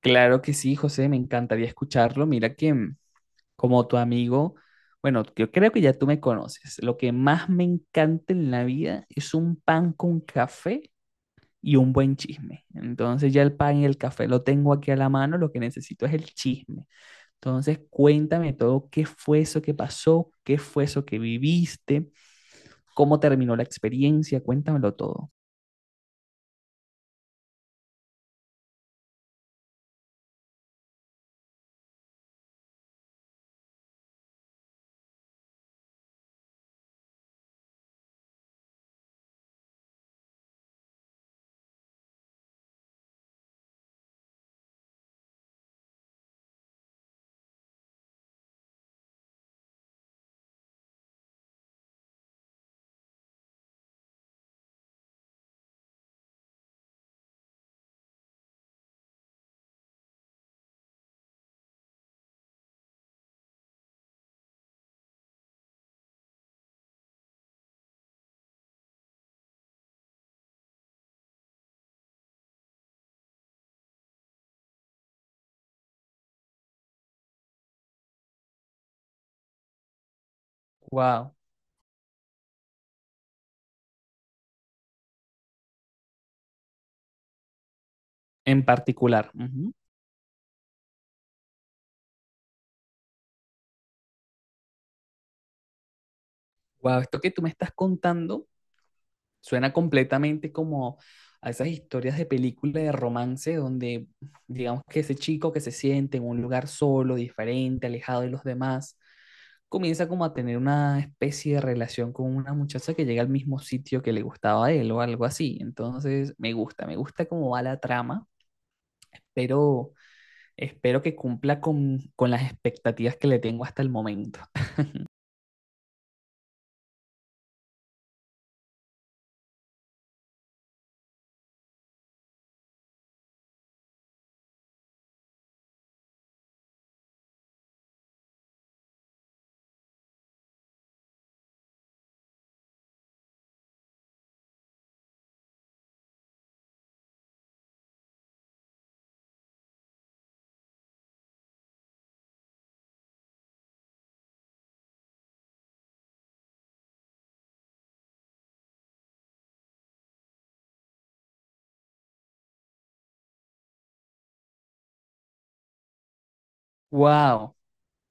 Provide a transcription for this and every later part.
Claro que sí, José, me encantaría escucharlo. Mira que como tu amigo, bueno, yo creo que ya tú me conoces. Lo que más me encanta en la vida es un pan con café y un buen chisme. Entonces ya el pan y el café lo tengo aquí a la mano, lo que necesito es el chisme. Entonces cuéntame todo, qué fue eso que pasó, qué fue eso que viviste, cómo terminó la experiencia, cuéntamelo todo. Wow, en particular. Wow, esto que tú me estás contando suena completamente como a esas historias de película de romance donde digamos que ese chico que se siente en un lugar solo, diferente, alejado de los demás, comienza como a tener una especie de relación con una muchacha que llega al mismo sitio que le gustaba a él o algo así. Entonces, me gusta cómo va la trama, pero espero que cumpla con las expectativas que le tengo hasta el momento. Wow.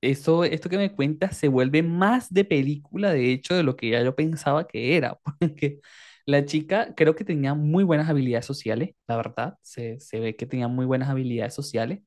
Eso, esto que me cuentas se vuelve más de película, de hecho, de lo que ya yo pensaba que era, porque la chica creo que tenía muy buenas habilidades sociales, la verdad, se ve que tenía muy buenas habilidades sociales,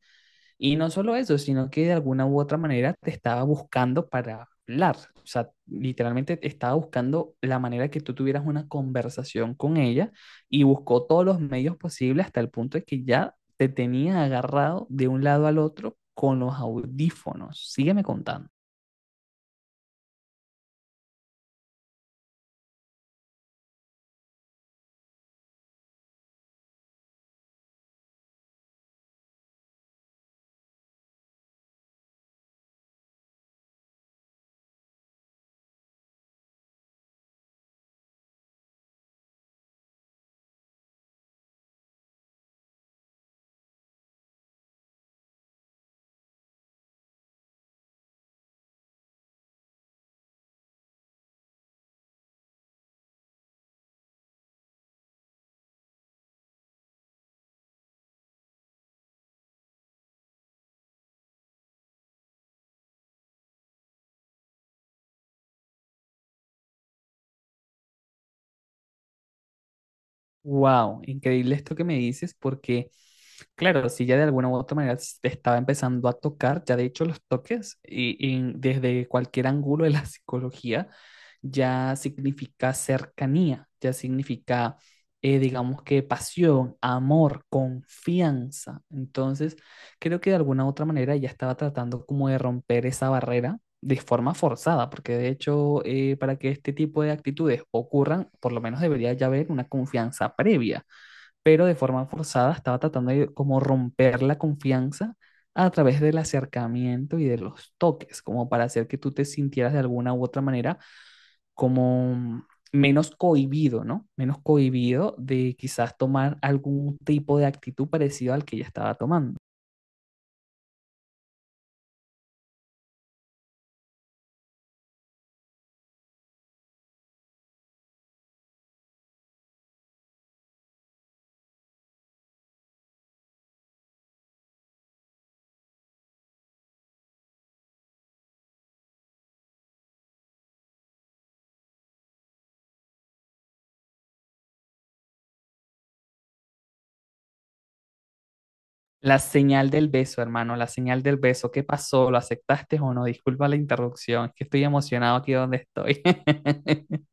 y no solo eso, sino que de alguna u otra manera te estaba buscando para hablar. O sea, literalmente estaba buscando la manera que tú tuvieras una conversación con ella y buscó todos los medios posibles hasta el punto de que ya te tenía agarrado de un lado al otro con los audífonos. Sígueme contando. Wow, increíble esto que me dices, porque claro, si ya de alguna u otra manera te estaba empezando a tocar, ya de hecho los toques y desde cualquier ángulo de la psicología ya significa cercanía, ya significa, digamos que pasión, amor, confianza. Entonces, creo que de alguna u otra manera ella estaba tratando como de romper esa barrera de forma forzada, porque de hecho para que este tipo de actitudes ocurran, por lo menos debería ya haber una confianza previa, pero de forma forzada estaba tratando de como romper la confianza a través del acercamiento y de los toques, como para hacer que tú te sintieras de alguna u otra manera como menos cohibido, ¿no? Menos cohibido de quizás tomar algún tipo de actitud parecido al que ella estaba tomando. La señal del beso, hermano, la señal del beso. ¿Qué pasó? ¿Lo aceptaste o no? Disculpa la interrupción, es que estoy emocionado aquí donde estoy.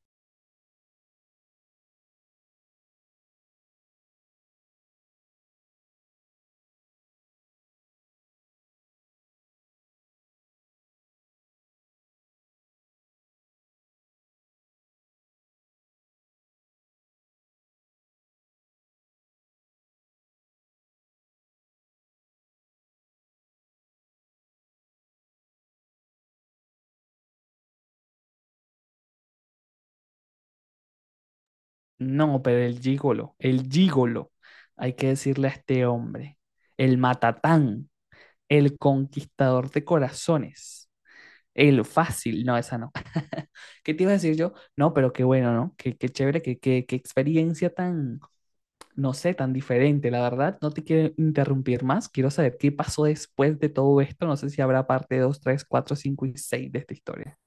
No, pero el gigolo, hay que decirle a este hombre, el matatán, el conquistador de corazones, el fácil, no, esa no. ¿Qué te iba a decir yo? No, pero qué bueno, ¿no? Qué chévere, qué experiencia tan, no sé, tan diferente. La verdad, no te quiero interrumpir más. Quiero saber qué pasó después de todo esto. No sé si habrá parte dos tres cuatro cinco y seis de esta historia.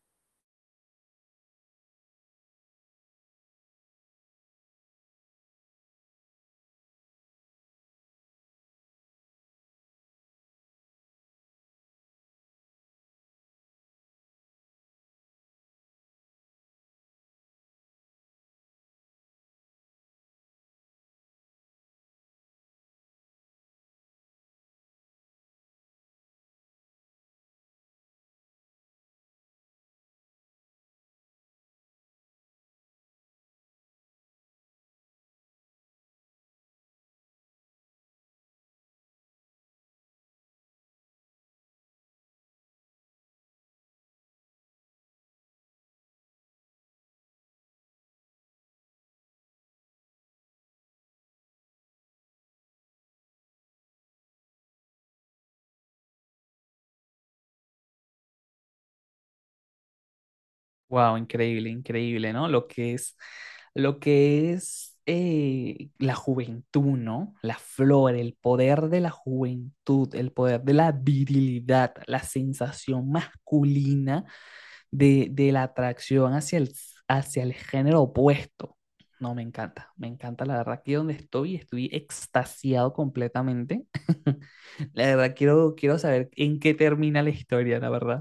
Wow, increíble, increíble, ¿no? Lo que es la juventud, ¿no? La flor, el poder de la juventud, el poder de la virilidad, la sensación masculina de la atracción hacia el género opuesto. No, me encanta, la verdad, aquí donde estoy, estoy extasiado completamente. La verdad, quiero saber en qué termina la historia, la verdad.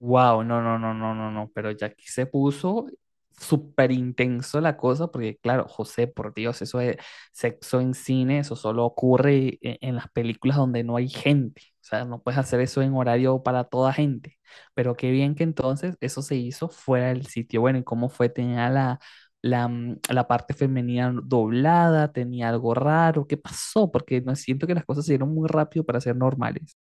Wow, no, no, no, no, no, no, pero ya aquí se puso súper intenso la cosa, porque claro, José, por Dios, eso de sexo en cine, eso solo ocurre en las películas donde no hay gente, o sea, no puedes hacer eso en horario para toda gente, pero qué bien que entonces eso se hizo fuera del sitio, bueno, ¿y cómo fue? Tenía la, la parte femenina doblada, tenía algo raro, ¿qué pasó? Porque no siento que las cosas se dieron muy rápido para ser normales.